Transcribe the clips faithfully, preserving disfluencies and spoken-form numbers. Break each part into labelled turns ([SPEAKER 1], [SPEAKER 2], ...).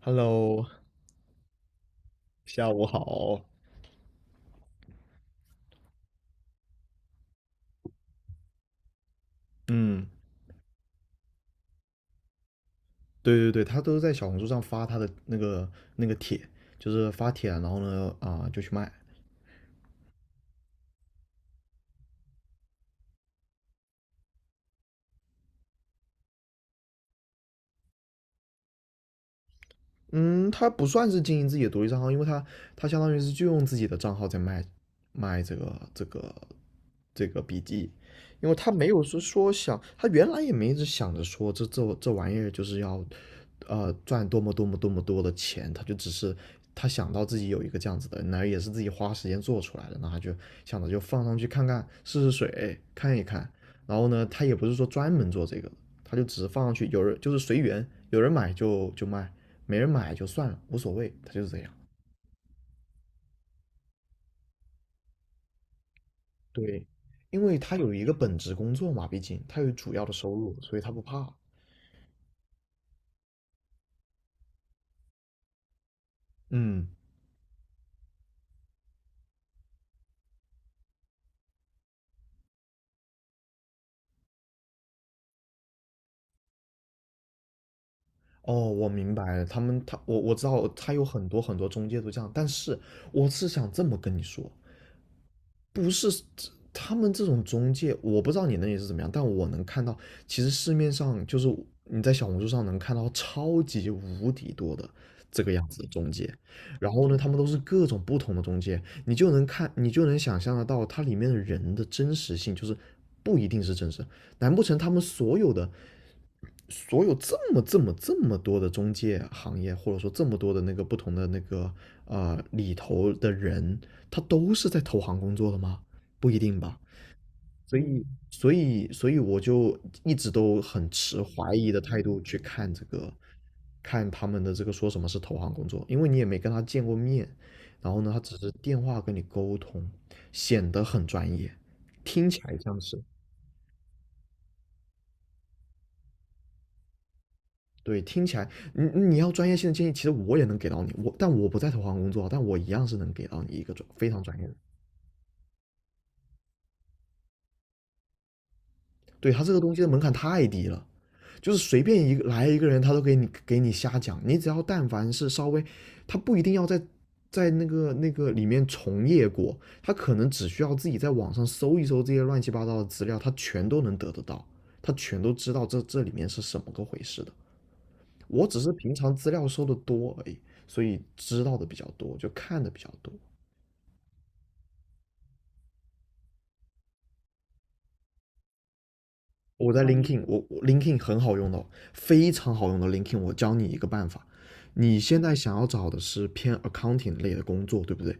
[SPEAKER 1] Hello，下午好。嗯，对对对，他都在小红书上发他的那个那个帖，就是发帖，然后呢，啊、就去卖。嗯，他不算是经营自己的独立账号，因为他他相当于是就用自己的账号在卖卖这个这个这个笔记，因为他没有说说想，他原来也没一直想着说这这这玩意儿就是要呃赚多么多么多么多的钱，他就只是他想到自己有一个这样子的，那也是自己花时间做出来的，那他就想着就放上去看看试试水看一看，然后呢，他也不是说专门做这个，他就只是放上去，有人就是随缘，有人买就就卖。没人买就算了，无所谓，他就是这样。对，因为他有一个本职工作嘛，毕竟他有主要的收入，所以他不怕。嗯，哦，我明白了，他们他我我知道他有很多很多中介都这样，但是我是想这么跟你说，不是他们这种中介，我不知道你那里是怎么样，但我能看到，其实市面上就是你在小红书上能看到超级无敌多的这个样子的中介，然后呢，他们都是各种不同的中介，你就能看，你就能想象得到它里面的人的真实性，就是不一定是真实，难不成他们所有的？所有这么这么这么多的中介行业，或者说这么多的那个不同的那个啊，里头的人，他都是在投行工作的吗？不一定吧。所以，所以，所以我就一直都很持怀疑的态度去看这个，看他们的这个说什么是投行工作，因为你也没跟他见过面，然后呢，他只是电话跟你沟通，显得很专业，听起来像是。对，听起来你你要专业性的建议，其实我也能给到你，我但我不在投行工作啊，但我一样是能给到你一个专非常专业的。对，他这个东西的门槛太低了，就是随便一个来一个人，他都给你给你瞎讲。你只要但凡是稍微，他不一定要在在那个那个里面从业过，他可能只需要自己在网上搜一搜这些乱七八糟的资料，他全都能得得到，他全都知道这这里面是什么个回事的。我只是平常资料收的多而已，所以知道的比较多，就看的比较多。我在 Linkin，我我 Linkin 很好用的哦非常好用的 Linkin。我教你一个办法，你现在想要找的是偏 accounting 类的工作，对不对？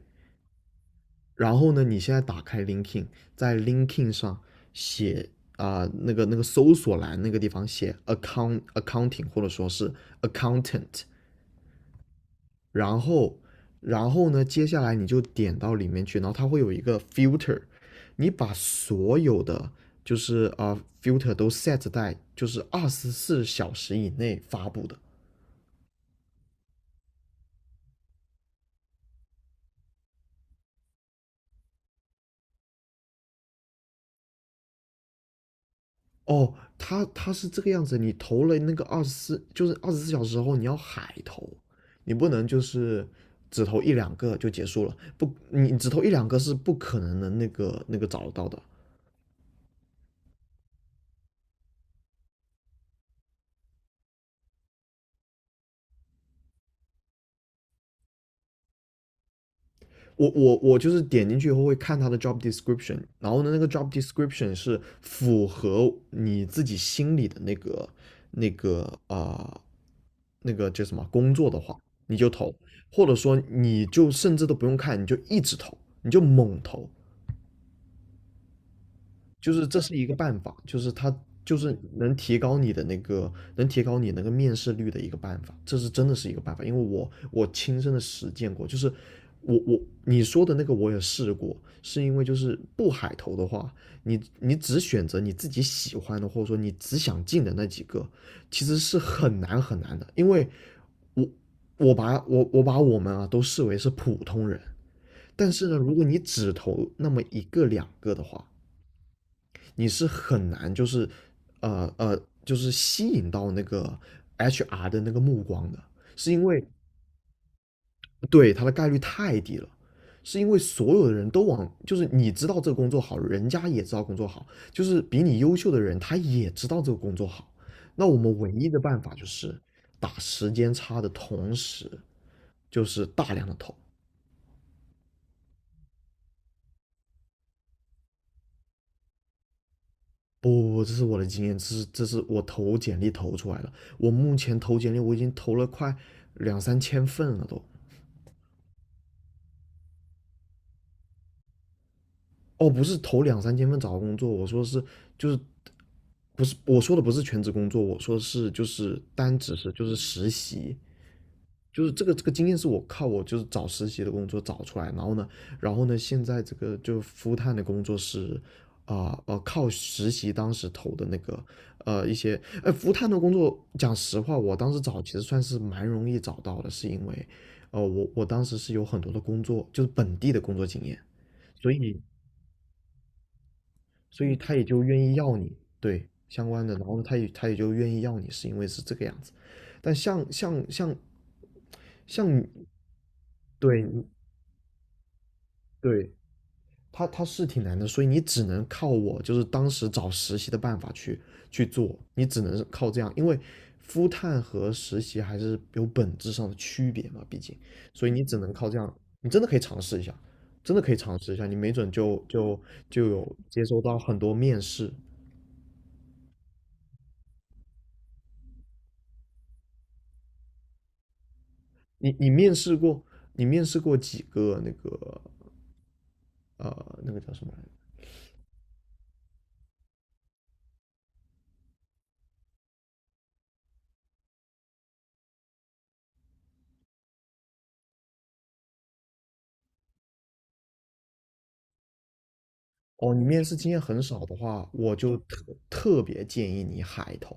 [SPEAKER 1] 然后呢，你现在打开 Linkin，e d 在 Linkin e d 上写啊、呃那个那个搜索栏那个地方写 account accounting 或者说是 accountant，然后，然后呢，接下来你就点到里面去，然后它会有一个 filter，你把所有的就是啊、呃 filter 都 set 在就是二十四小时以内发布的。哦，它它是这个样子，你投了那个二十四，就是二十四小时后你要海投，你不能就是只投一两个就结束了，不，你只投一两个是不可能的那个那个找得到的。我我我就是点进去以后会看他的 job description，然后呢，那个 job description 是符合你自己心里的那个那个啊、呃那个叫什么工作的话，你就投，或者说你就甚至都不用看，你就一直投，你就猛投，就是这是一个办法，就是它就是能提高你的那个，能提高你那个面试率的一个办法，这是真的是一个办法，因为我我亲身的实践过，就是我我你说的那个我也试过，是因为就是不海投的话，你你只选择你自己喜欢的，或者说你只想进的那几个，其实是很难很难的，因为我我把我我把我们啊都视为是普通人。但是呢，如果你只投那么一个两个的话，你是很难就是呃呃就是吸引到那个 H R 的那个目光的，是因为对他的概率太低了。是因为所有的人都往，就是你知道这个工作好，人家也知道工作好，就是比你优秀的人他也知道这个工作好。那我们唯一的办法就是打时间差的同时，就是大量的投。不不不，这是我的经验，这是这是我投简历投出来的。我目前投简历，我已经投了快两三千份了都。哦，不是投两三千份找到工作，我说是就是不是我说的不是全职工作，我说是就是单只是就是实习，就是这个这个经验是我靠我就是找实习的工作找出来，然后呢，然后呢，现在这个就 f u l 的工作是。啊、呃，呃靠实习当时投的那个，呃，一些，呃，服务探的工作，讲实话，我当时找其实算是蛮容易找到的，是因为，呃，我我当时是有很多的工作，就是本地的工作经验，所以所以他也就愿意要你，对，相关的，然后他也他也就愿意要你，是因为是这个样子。但像像像像，你，对你对，他他是挺难的，所以你只能靠我，就是当时找实习的办法去去做，你只能是靠这样，因为 f 探和实习还是有本质上的区别嘛，毕竟，所以你只能靠这样，你真的可以尝试一下，真的可以尝试一下，你没准就就就有接收到很多面试，你你面试过你面试过几个那个呃那个叫什么来着？哦，你面试经验很少的话，我就特特别建议你海投，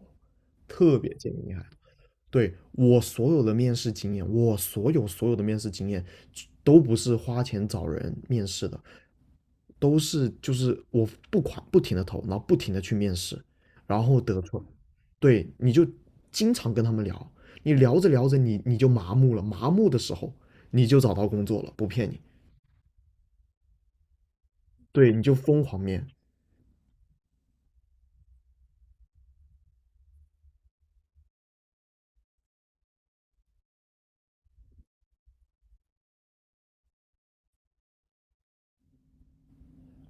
[SPEAKER 1] 特别建议你海对，我所有的面试经验，我所有所有的面试经验，都不是花钱找人面试的，都是就是我不垮不停的投，然后不停的去面试，然后得出来，对，你就经常跟他们聊，你聊着聊着你你就麻木了，麻木的时候你就找到工作了，不骗你，对，你就疯狂面。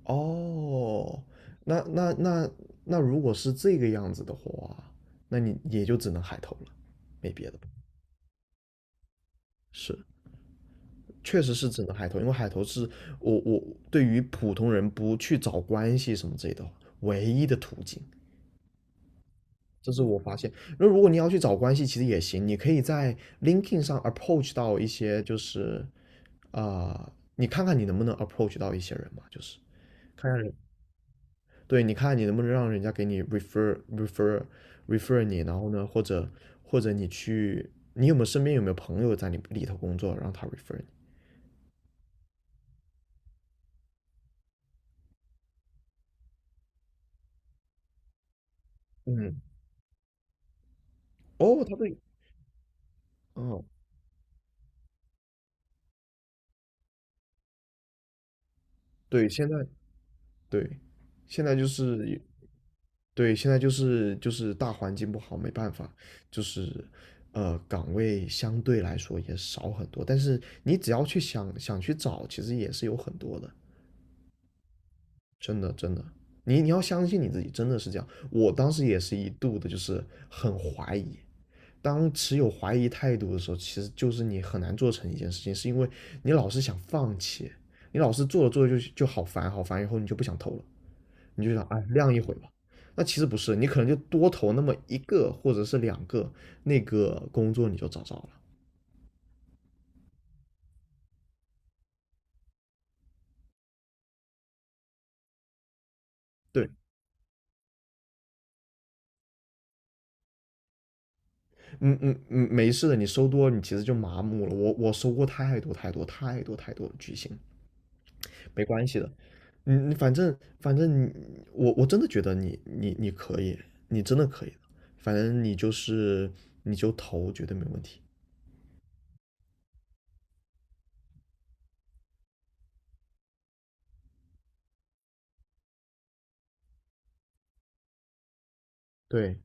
[SPEAKER 1] 哦，那那那那如果是这个样子的话，那你也就只能海投了，没别的，是。确实是只能海投，因为海投是我我对于普通人不去找关系什么之类的唯一的途径，这是我发现。那如果你要去找关系，其实也行，你可以在 LinkedIn 上 approach 到一些，就是啊、呃你看看你能不能 approach 到一些人嘛，就是看看人。对，你看你能不能让人家给你 refer refer refer 你，然后呢，或者或者你去，你有没有身边有没有朋友在你里头工作，让他 refer 你？嗯。哦，他对。哦，对，现在。对，现在就是。对，现在就是就是大环境不好，没办法，就是呃岗位相对来说也少很多，但是你只要去想想去找，其实也是有很多的。真的真的，你你要相信你自己，真的是这样。我当时也是一度的就是很怀疑，当持有怀疑态度的时候，其实就是你很难做成一件事情，是因为你老是想放弃，你老是做着做着就就好烦好烦，以后你就不想投了。你就想，哎，晾一会吧。那其实不是，你可能就多投那么一个或者是两个，那个工作你就找着了。对，嗯嗯嗯，没事的，你收多了你其实就麻木了。我我收过太多太多太多太多的巨星，没关系的。嗯，你反正反正你我我真的觉得你你你可以，你真的可以的。反正你就是你就投，绝对没问题。对，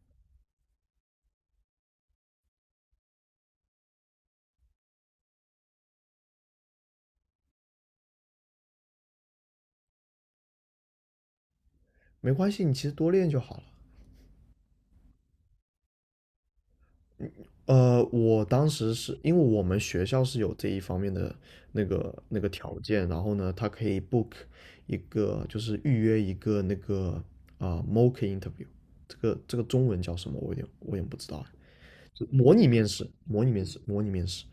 [SPEAKER 1] 没关系，你其实多练就好了。呃，我当时是因为我们学校是有这一方面的那个那个条件，然后呢，他可以 book 一个，就是预约一个那个啊、mock interview，这个这个中文叫什么？我有点我也不知道哎。就模拟面试，模拟面试，模拟面试。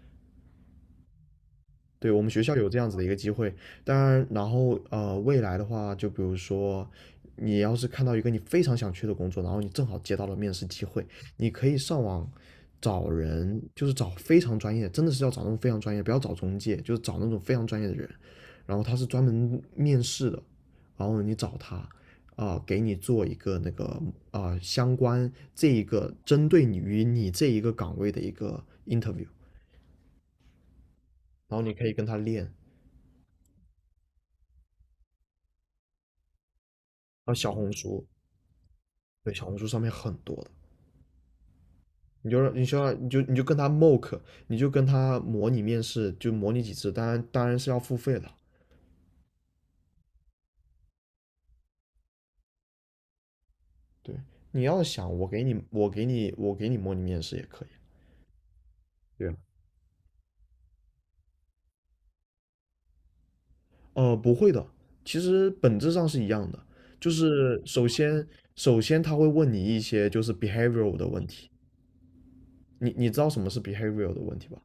[SPEAKER 1] 对，我们学校有这样子的一个机会，当然。然后呃，未来的话，就比如说，你要是看到一个你非常想去的工作，然后你正好接到了面试机会，你可以上网找人，就是找非常专业，真的是要找那种非常专业，不要找中介，就是找那种非常专业的人，然后他是专门面试的，然后你找他，啊、给你做一个那个啊、相关这一个针对你于你这一个岗位的一个 interview，然后你可以跟他练。啊，小红书。对，小红书上面很多的，你就让你就要你就你就跟他 mock，你就跟他模拟面试，就模拟几次，当然当然是要付费的。对，你要想，我给你我给你我给你模拟面试也可以。对啊。呃，不会的，其实本质上是一样的，就是首先首先他会问你一些就是 behavioral 的问题，你你知道什么是 behavioral 的问题吧？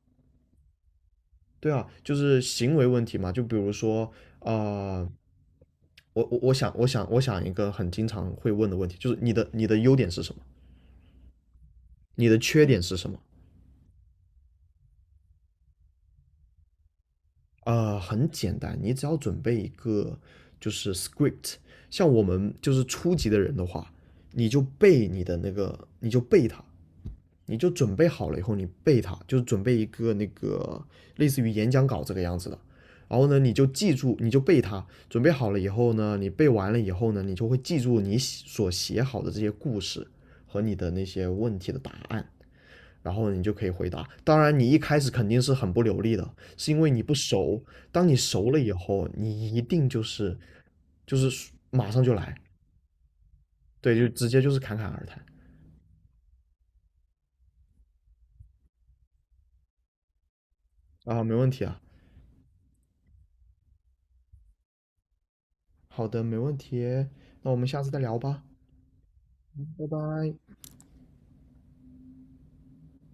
[SPEAKER 1] 对啊，就是行为问题嘛，就比如说啊、呃我我我想我想我想一个很经常会问的问题，就是你的你的优点是什么？你的缺点是什么？呃，很简单，你只要准备一个就是 script，像我们就是初级的人的话，你就背你的那个，你就背它，你就准备好了以后，你背它，就是准备一个那个类似于演讲稿这个样子的。然后呢，你就记住，你就背它。准备好了以后呢，你背完了以后呢，你就会记住你所写好的这些故事和你的那些问题的答案，然后你就可以回答。当然，你一开始肯定是很不流利的，是因为你不熟。当你熟了以后，你一定就是就是马上就来。对，就直接就是侃侃而谈。啊，没问题啊。好的，没问题。那我们下次再聊吧，拜拜。